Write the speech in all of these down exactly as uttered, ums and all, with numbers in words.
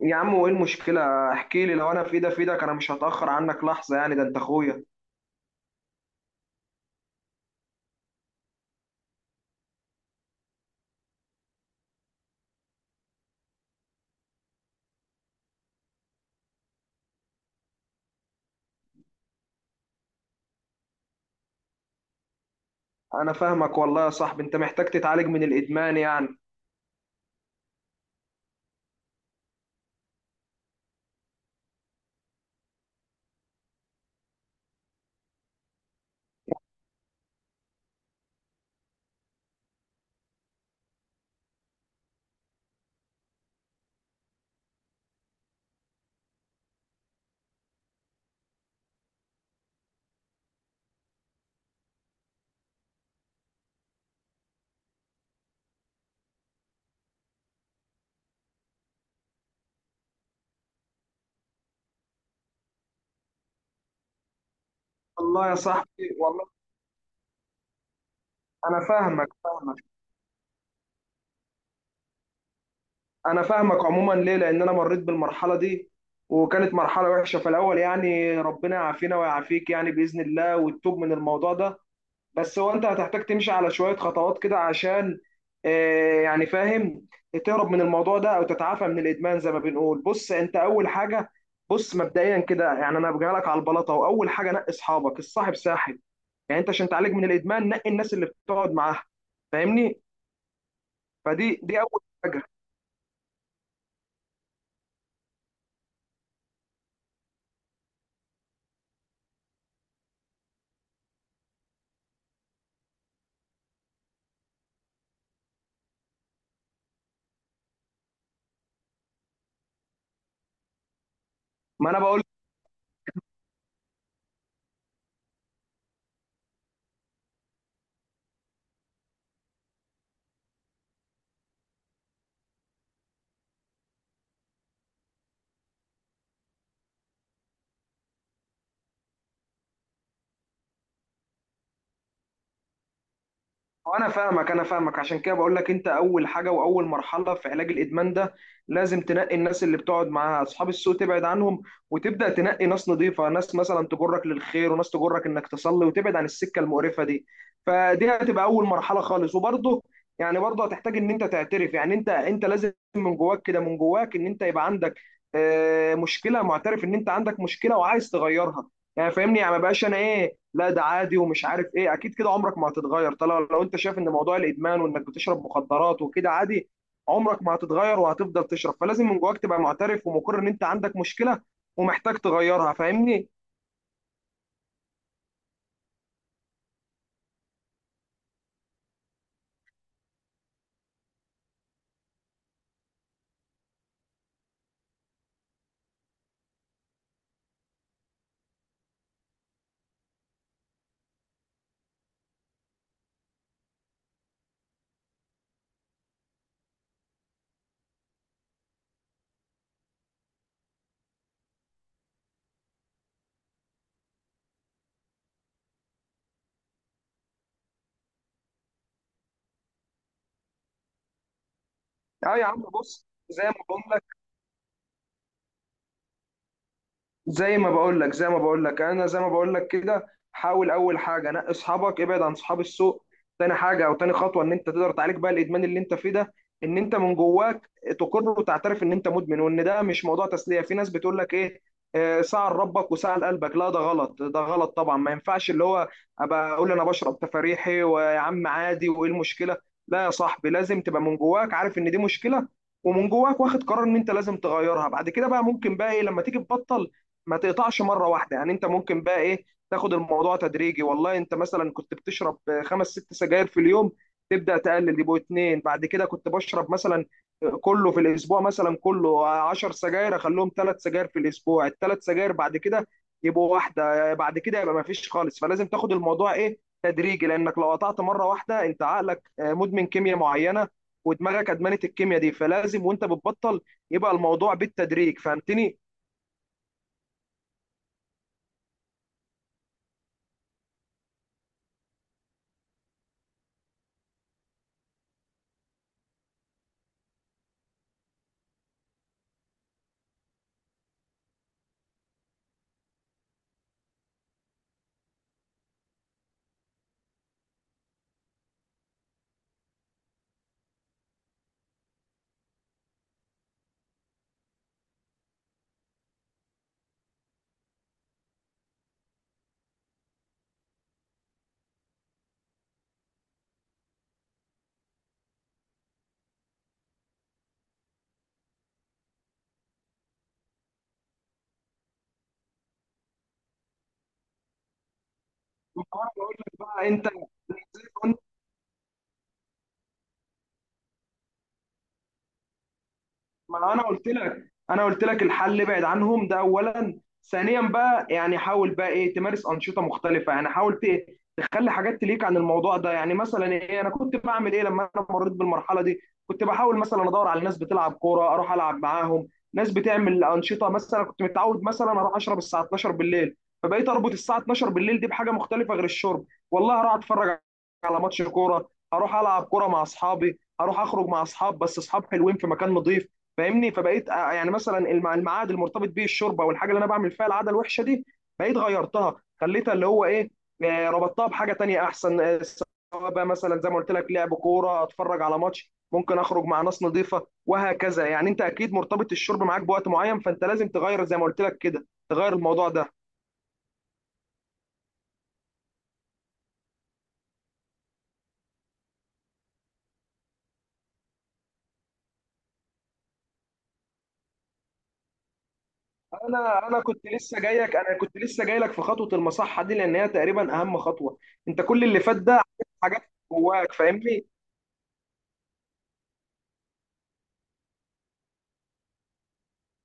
يا عم وايه المشكلة؟ احكي لي، لو انا في ايدي في ايدك انا مش هتأخر عنك لحظة يعني، ده انت اخويا. انا فاهمك والله يا صاحبي، انت محتاج تتعالج من الادمان يعني. والله يا صاحبي والله. انا فاهمك فاهمك انا فاهمك عموما، ليه؟ لان انا مريت بالمرحلة دي، وكانت مرحلة وحشة في الاول يعني، ربنا يعافينا ويعافيك يعني بإذن الله، والتوب من الموضوع ده. بس هو انت هتحتاج تمشي على شوية خطوات كده عشان آه، يعني فاهم، تهرب من الموضوع ده او تتعافى من الادمان زي ما بنقول. بص، انت اول حاجة، بص مبدئيا كده يعني انا بجي لك على البلاطة، واول حاجة نقي اصحابك، الصاحب ساحب يعني. انت عشان تعالج من الادمان نقي الناس اللي بتقعد معاها، فاهمني؟ فدي دي اول حاجة. ما انا بقول، وانا فاهمك انا فاهمك عشان كده بقول لك، انت اول حاجه واول مرحله في علاج الادمان ده، لازم تنقي الناس اللي بتقعد معاها، اصحاب السوء تبعد عنهم، وتبدا تنقي ناس نظيفه، ناس مثلا تجرك للخير وناس تجرك انك تصلي وتبعد عن السكه المقرفه دي. فدي هتبقى اول مرحله خالص. وبرضه يعني برضه هتحتاج ان انت تعترف، يعني انت انت لازم من جواك كده، من جواك ان انت يبقى عندك آه، مشكله، معترف ان انت عندك مشكله وعايز تغيرها، يعني فاهمني؟ يعني ما بقاش انا ايه، لا ده عادي ومش عارف ايه، اكيد كده عمرك ما هتتغير. طالما لو انت شايف ان موضوع الادمان وانك بتشرب مخدرات وكده عادي، عمرك ما هتتغير وهتفضل تشرب. فلازم من جواك تبقى معترف ومقر ان انت عندك مشكلة ومحتاج تغيرها، فاهمني؟ اه يا عم، بص، زي ما بقول لك زي ما بقول لك زي ما بقول لك انا زي ما بقول لك كده، حاول اول حاجه نقي اصحابك، ابعد عن اصحاب السوء. تاني حاجه او تاني خطوه ان انت تقدر تعالج بقى الادمان اللي انت فيه ده، ان انت من جواك تقر وتعترف ان انت مدمن، وان ده مش موضوع تسليه. في ناس بتقول لك ايه، آه، ساعة لربك وساعة لقلبك. لا، ده غلط، ده غلط طبعا، ما ينفعش اللي هو ابقى اقول انا بشرب تفاريحي ويا عم عادي وايه المشكله. لا يا صاحبي، لازم تبقى من جواك عارف ان دي مشكله، ومن جواك واخد قرار ان انت لازم تغيرها. بعد كده بقى ممكن بقى ايه لما تيجي تبطل، ما تقطعش مره واحده يعني، انت ممكن بقى ايه تاخد الموضوع تدريجي. والله انت مثلا كنت بتشرب خمس ست سجاير في اليوم، تبدا تقلل يبقوا اتنين. بعد كده كنت بشرب مثلا كله في الاسبوع مثلا كله عشر سجاير، اخليهم ثلاث سجاير في الاسبوع، التلات سجاير بعد كده يبقوا واحده، بعد كده يبقى ما فيش خالص. فلازم تاخد الموضوع ايه تدريجي، لانك لو قطعت مره واحده انت عقلك مدمن كيمياء معينه، ودماغك ادمنت الكيمياء دي، فلازم وانت بتبطل يبقى الموضوع بالتدريج، فهمتني؟ ما انا بقول لك بقى انت، زي ما قلت- ما انا قلت لك، انا قلت لك الحل ابعد عنهم، ده اولا. ثانيا بقى يعني حاول بقى ايه تمارس انشطه مختلفه، يعني حاول ت- تخلي حاجات تليك عن الموضوع ده. يعني مثلا ايه، انا كنت بعمل ايه لما انا مريت بالمرحله دي، كنت بحاول مثلا ادور على ناس بتلعب كوره اروح العب معاهم، ناس بتعمل انشطه. مثلا كنت متعود مثلا اروح اشرب الساعه اتناشر بالليل، فبقيت اربط الساعه اتناشر بالليل دي بحاجه مختلفه غير الشرب. والله اروح اتفرج على ماتش كوره، هروح العب كوره مع اصحابي، هروح اخرج مع اصحاب بس اصحاب حلوين في مكان نظيف، فاهمني؟ فبقيت آه، يعني مثلا المع- الميعاد المرتبط بيه الشرب او الحاجه اللي انا بعمل فيها العاده الوحشه دي، بقيت غيرتها، خليتها اللي هو ايه، آه، ربطتها بحاجه تانية احسن. آه، سواء بقى مثلا زي ما قلت لك لعب كوره، اتفرج على ماتش، ممكن اخرج مع ناس نظيفه، وهكذا. يعني انت اكيد مرتبط الشرب معاك بوقت معين، فانت لازم تغير زي ما قلت لك كده، تغير الموضوع ده. انا انا كنت لسه جايك، انا كنت لسه جايلك في خطوه المصحه دي، لان هي تقريبا اهم خطوه. انت كل اللي فات ده حاجات جواك، فاهمني؟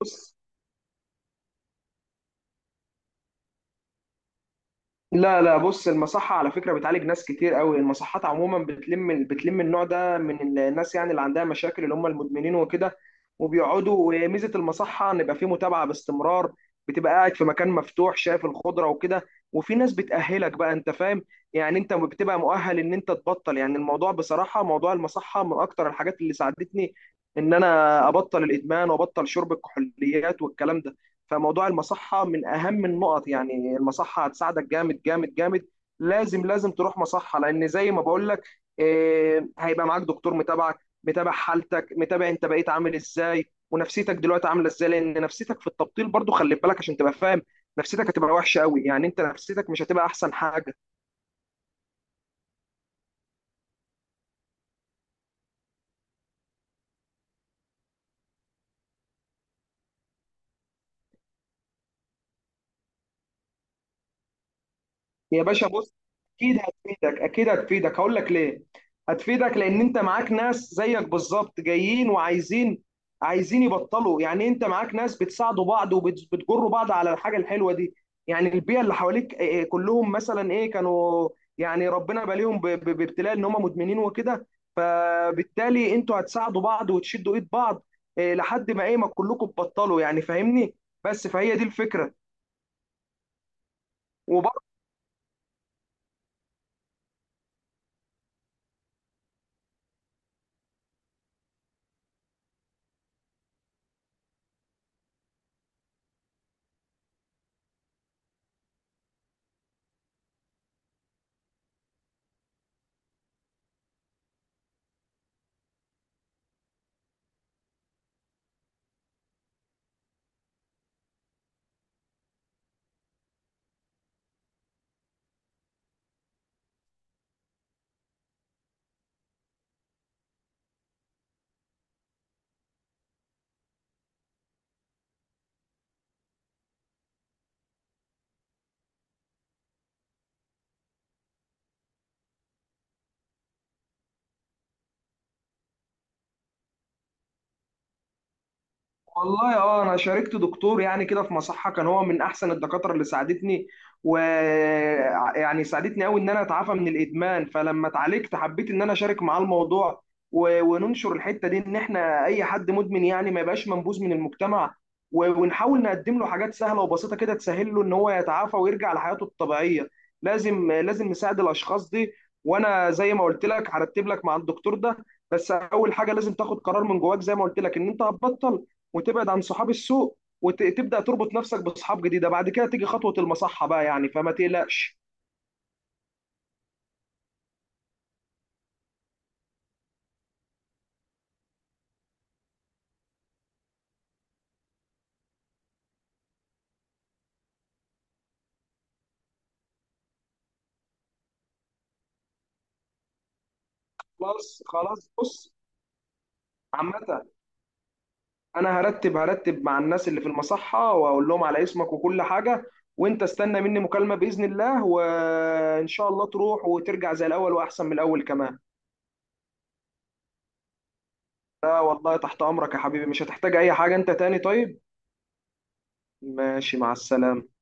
بص، لا لا، بص المصحة على فكرة بتعالج ناس كتير قوي. المصحات عموما بتلم بتلم النوع ده من الناس، يعني اللي عندها مشاكل اللي هم المدمنين وكده، وبيقعدوا. وميزة المصحة ان يبقى في متابعة باستمرار، بتبقى قاعد في مكان مفتوح شايف الخضرة وكده، وفي ناس بتأهلك بقى، انت فاهم؟ يعني انت بتبقى مؤهل ان انت تبطل. يعني الموضوع بصراحة، موضوع المصحة من اكتر الحاجات اللي ساعدتني ان انا ابطل الادمان وابطل شرب الكحوليات والكلام ده. فموضوع المصحه من اهم النقط يعني، المصحه هتساعدك جامد جامد جامد، لازم لازم تروح مصحه. لان زي ما بقول لك، آه، هيبقى معاك دكتور متابعك، متابع حالتك، متابع انت بقيت عامل ازاي ونفسيتك دلوقتي عامله ازاي. لان نفسيتك في التبطيل برضو خلي بالك عشان تبقى فاهم، نفسيتك هتبقى وحشه قوي، يعني انت نفسيتك مش هتبقى احسن حاجه. يا باشا بص، اكيد هتفيدك اكيد هتفيدك، هقول لك ليه. هتفيدك لان انت معاك ناس زيك بالظبط جايين وعايزين عايزين يبطلوا، يعني انت معاك ناس بتساعدوا بعض وبتجروا بعض على الحاجه الحلوه دي. يعني البيئه اللي حواليك إيه، كلهم مثلا ايه كانوا يعني ربنا باليهم ب- ب- بابتلاء ان هم مدمنين وكده، فبالتالي انتوا هتساعدوا بعض وتشدوا ايد بعض، إيه، لحد ما ايه ما كلكم تبطلوا يعني، فاهمني؟ بس فهي دي الفكره. والله اه، انا شاركت دكتور يعني كده في مصحه، كان هو من احسن الدكاتره اللي ساعدتني، ويعني ساعدتني قوي ان انا اتعافى من الادمان. فلما اتعالجت حبيت ان انا اشارك معاه الموضوع، و- وننشر الحته دي، ان احنا اي حد مدمن يعني ما يبقاش منبوذ من المجتمع، و- ونحاول نقدم له حاجات سهله وبسيطه كده تسهل له ان هو يتعافى ويرجع لحياته الطبيعيه. لازم لازم نساعد الاشخاص دي. وانا زي ما قلت لك هرتب لك مع الدكتور ده، بس اول حاجه لازم تاخد قرار من جواك زي ما قلت لك ان انت هتبطل، وتبعد عن صحاب السوق، وتبدا تربط نفسك باصحاب جديده. بعد كده تيجي خطوه المصحه بقى يعني، فما تقلقش. خلاص خلاص بص، عامة انا هرتب هرتب مع الناس اللي في المصحة واقول لهم على اسمك وكل حاجة، وانت استنى مني مكالمة بإذن الله، وان شاء الله تروح وترجع زي الاول واحسن من الاول كمان. لا والله، تحت امرك يا حبيبي، مش هتحتاج اي حاجة انت تاني، طيب؟ ماشي، مع السلامة.